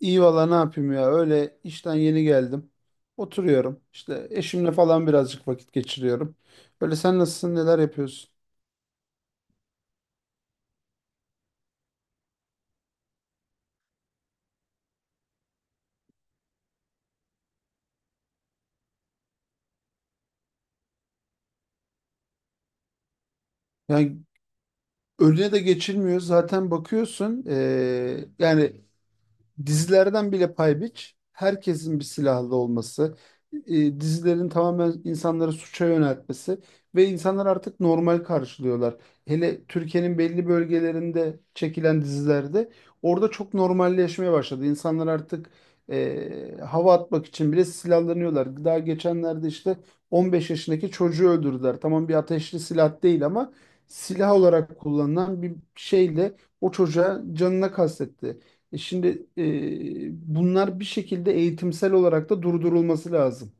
İyi valla ne yapayım ya, öyle işten yeni geldim. Oturuyorum işte, eşimle falan birazcık vakit geçiriyorum. Öyle, sen nasılsın, neler yapıyorsun? Yani önüne de geçilmiyor. Zaten bakıyorsun yani dizilerden bile pay biç. Herkesin bir silahlı olması, dizilerin tamamen insanları suça yöneltmesi ve insanlar artık normal karşılıyorlar. Hele Türkiye'nin belli bölgelerinde çekilen dizilerde orada çok normalleşmeye başladı. İnsanlar artık hava atmak için bile silahlanıyorlar. Daha geçenlerde işte 15 yaşındaki çocuğu öldürdüler. Tamam, bir ateşli silah değil ama silah olarak kullanılan bir şeyle o çocuğa, canına kastetti. Şimdi bunlar bir şekilde eğitimsel olarak da durdurulması lazım.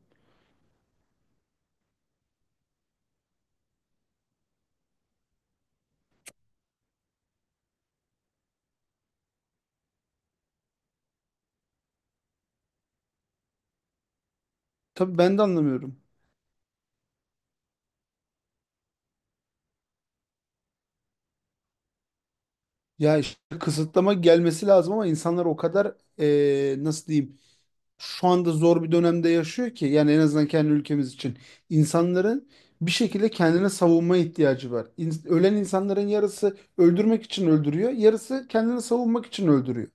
Tabii, ben de anlamıyorum. Ya işte kısıtlama gelmesi lazım, ama insanlar o kadar nasıl diyeyim, şu anda zor bir dönemde yaşıyor ki, yani en azından kendi ülkemiz için insanların bir şekilde kendine savunma ihtiyacı var. Ölen insanların yarısı öldürmek için öldürüyor, yarısı kendini savunmak için öldürüyor.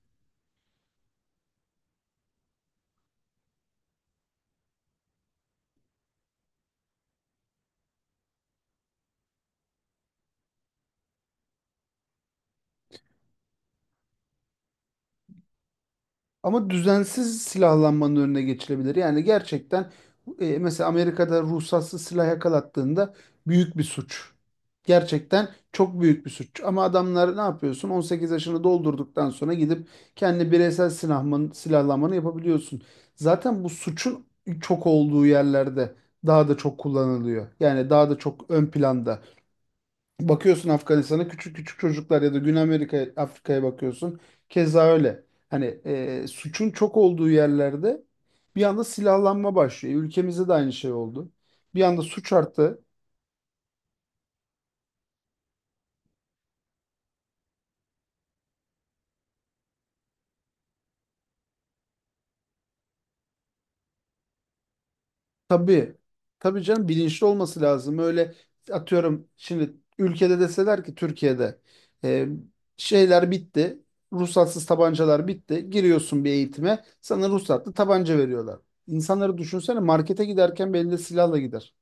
Ama düzensiz silahlanmanın önüne geçilebilir. Yani gerçekten mesela Amerika'da ruhsatsız silah yakalattığında büyük bir suç. Gerçekten çok büyük bir suç. Ama adamlar ne yapıyorsun? 18 yaşını doldurduktan sonra gidip kendi silahlanmanı yapabiliyorsun. Zaten bu suçun çok olduğu yerlerde daha da çok kullanılıyor. Yani daha da çok ön planda. Bakıyorsun Afganistan'a, küçük küçük çocuklar, ya da Güney Amerika, Afrika'ya bakıyorsun. Keza öyle. Hani suçun çok olduğu yerlerde bir anda silahlanma başlıyor. Ülkemizde de aynı şey oldu. Bir anda suç arttı. Tabii. Tabii canım, bilinçli olması lazım. Öyle, atıyorum şimdi ülkede deseler ki Türkiye'de e, şeyler bitti. Ruhsatsız tabancalar bitti. Giriyorsun bir eğitime. Sana ruhsatlı tabanca veriyorlar. İnsanları düşünsene, markete giderken belinde silahla gider.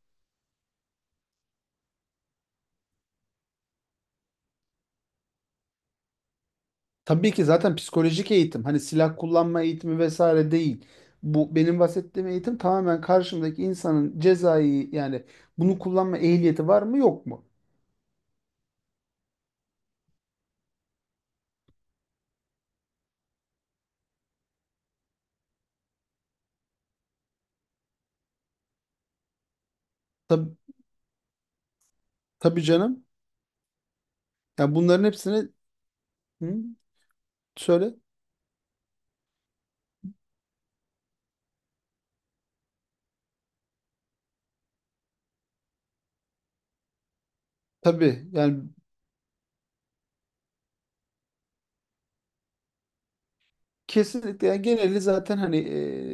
Tabii ki, zaten psikolojik eğitim, hani silah kullanma eğitimi vesaire değil. Bu benim bahsettiğim eğitim tamamen karşımdaki insanın cezai, yani bunu kullanma ehliyeti var mı, yok mu? Tabii, tabii canım. Yani bunların hepsini hı, söyle. Tabii yani, kesinlikle. Yani geneli zaten hani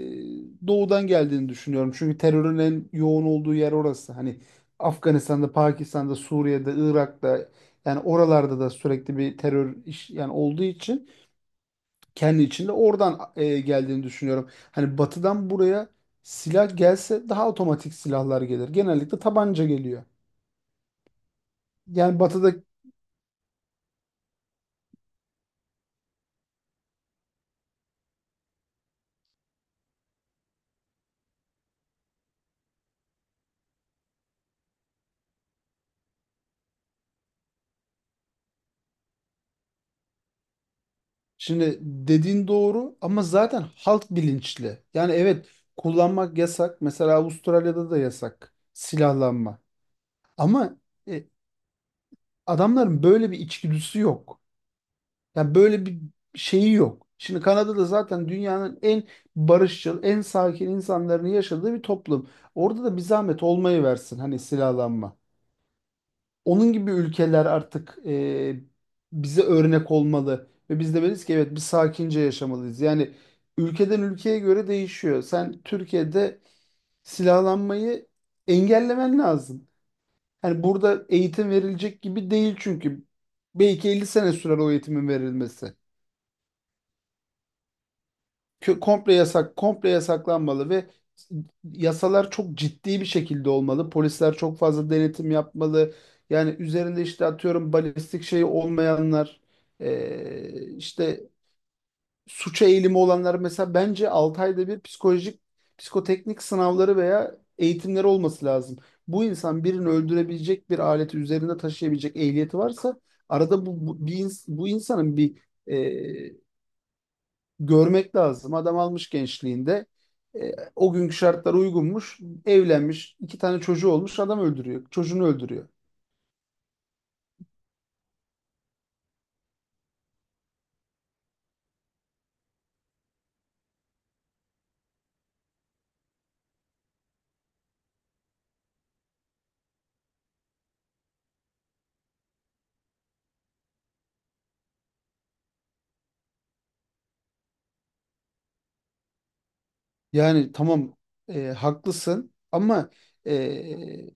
doğudan geldiğini düşünüyorum. Çünkü terörün en yoğun olduğu yer orası. Hani Afganistan'da, Pakistan'da, Suriye'de, Irak'ta, yani oralarda da sürekli bir terör iş, yani olduğu için kendi içinde oradan geldiğini düşünüyorum. Hani batıdan buraya silah gelse daha otomatik silahlar gelir. Genellikle tabanca geliyor. Yani batıda şimdi dediğin doğru, ama zaten halk bilinçli. Yani evet, kullanmak yasak. Mesela Avustralya'da da yasak silahlanma. Ama e, adamların böyle bir içgüdüsü yok. Yani böyle bir şeyi yok. Şimdi Kanada'da zaten dünyanın en barışçıl, en sakin insanların yaşadığı bir toplum. Orada da bir zahmet olmayı versin hani silahlanma. Onun gibi ülkeler artık bize örnek olmalı ve biz demeliyiz ki evet, biz sakince yaşamalıyız. Yani ülkeden ülkeye göre değişiyor. Sen Türkiye'de silahlanmayı engellemen lazım. Hani burada eğitim verilecek gibi değil, çünkü belki 50 sene sürer o eğitimin verilmesi. Komple yasak, komple yasaklanmalı ve yasalar çok ciddi bir şekilde olmalı. Polisler çok fazla denetim yapmalı. Yani üzerinde işte atıyorum balistik şeyi olmayanlar, işte suça eğilimi olanlar mesela, bence 6 ayda bir psikolojik, psikoteknik sınavları veya eğitimleri olması lazım. Bu insan birini öldürebilecek bir aleti üzerinde taşıyabilecek ehliyeti varsa, arada bir bu insanın bir e, görmek lazım. Adam almış gençliğinde o günkü şartlara uygunmuş, evlenmiş, iki tane çocuğu olmuş, adam öldürüyor, çocuğunu öldürüyor. Yani tamam, haklısın, ama e,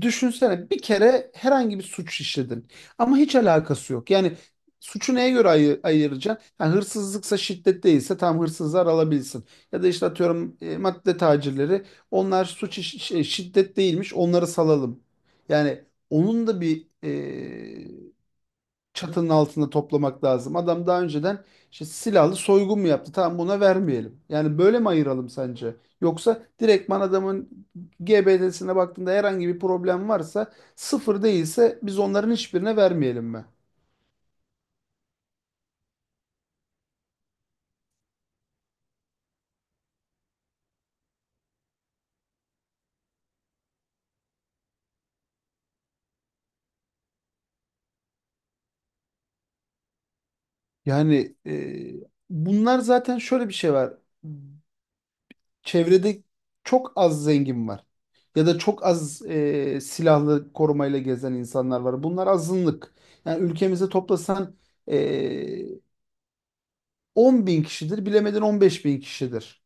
düşünsene, bir kere herhangi bir suç işledin ama hiç alakası yok. Yani suçu neye göre ayıracaksın? Yani hırsızlıksa, şiddet değilse, tam hırsızlar alabilsin. Ya da işte atıyorum madde tacirleri, onlar suç şiddet değilmiş, onları salalım. Yani onun da bir çatının altında toplamak lazım. Adam daha önceden işte silahlı soygun mu yaptı? Tamam, buna vermeyelim. Yani böyle mi ayıralım sence? Yoksa direktman adamın GBD'sine baktığında herhangi bir problem varsa, sıfır değilse, biz onların hiçbirine vermeyelim mi? Yani bunlar zaten şöyle bir şey var. Çevrede çok az zengin var. Ya da çok az silahlı korumayla gezen insanlar var. Bunlar azınlık. Yani ülkemize toplasan e, 10 bin kişidir, bilemedin 15 bin kişidir.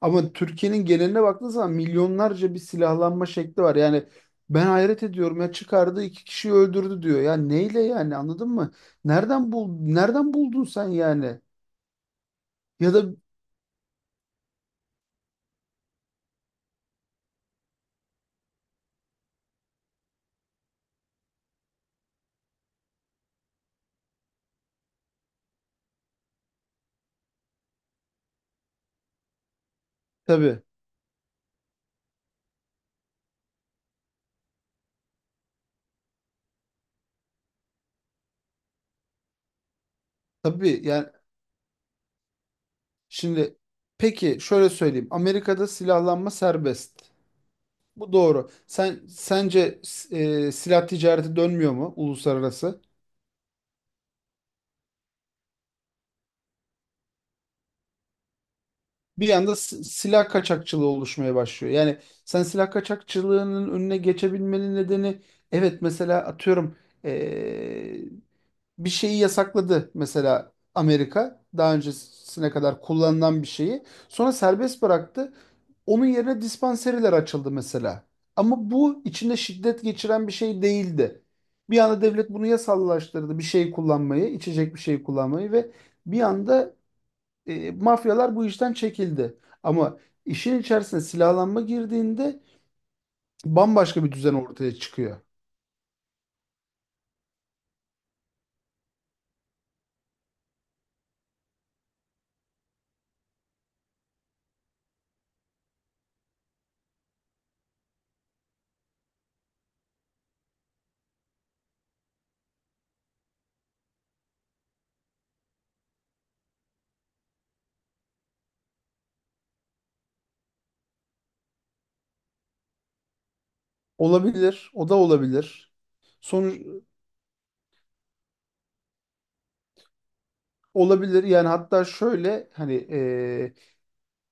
Ama Türkiye'nin geneline baktığın zaman milyonlarca bir silahlanma şekli var. Yani ben hayret ediyorum ya, çıkardı iki kişiyi öldürdü diyor. Ya neyle, yani anladın mı? Nereden buldun sen yani? Ya da Tabii, tabii. Yani şimdi, peki şöyle söyleyeyim. Amerika'da silahlanma serbest. Bu doğru. Sen sence silah ticareti dönmüyor mu uluslararası? Bir anda silah kaçakçılığı oluşmaya başlıyor. Yani sen silah kaçakçılığının önüne geçebilmenin nedeni, evet mesela atıyorum eee, bir şeyi yasakladı, mesela Amerika daha öncesine kadar kullanılan bir şeyi sonra serbest bıraktı. Onun yerine dispanseriler açıldı mesela. Ama bu içinde şiddet geçiren bir şey değildi. Bir anda devlet bunu yasallaştırdı, bir şey kullanmayı, içecek bir şey kullanmayı, ve bir anda mafyalar bu işten çekildi. Ama işin içerisine silahlanma girdiğinde bambaşka bir düzen ortaya çıkıyor. Olabilir, o da olabilir. Sonuç olabilir yani, hatta şöyle, hani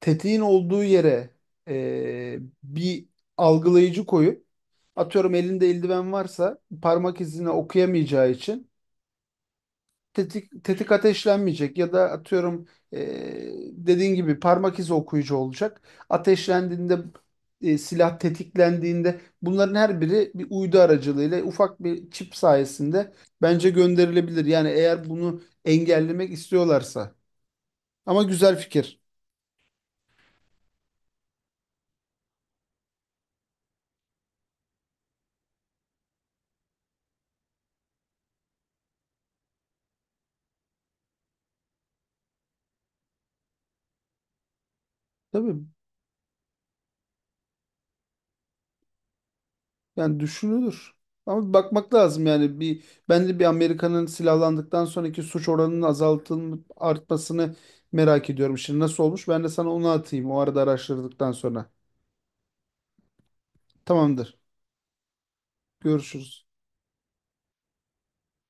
tetiğin olduğu yere e, bir algılayıcı koyup, atıyorum elinde eldiven varsa parmak izini okuyamayacağı için tetik ateşlenmeyecek, ya da atıyorum dediğin gibi parmak izi okuyucu olacak. Ateşlendiğinde silah tetiklendiğinde, bunların her biri bir uydu aracılığıyla ufak bir çip sayesinde bence gönderilebilir. Yani eğer bunu engellemek istiyorlarsa. Ama güzel fikir. Tabii. Yani düşünülür. Ama bir bakmak lazım yani. Bir bence bir Amerika'nın silahlandıktan sonraki suç oranının azaltılması, artmasını merak ediyorum. Şimdi nasıl olmuş? Ben de sana onu atayım o arada, araştırdıktan sonra. Tamamdır. Görüşürüz.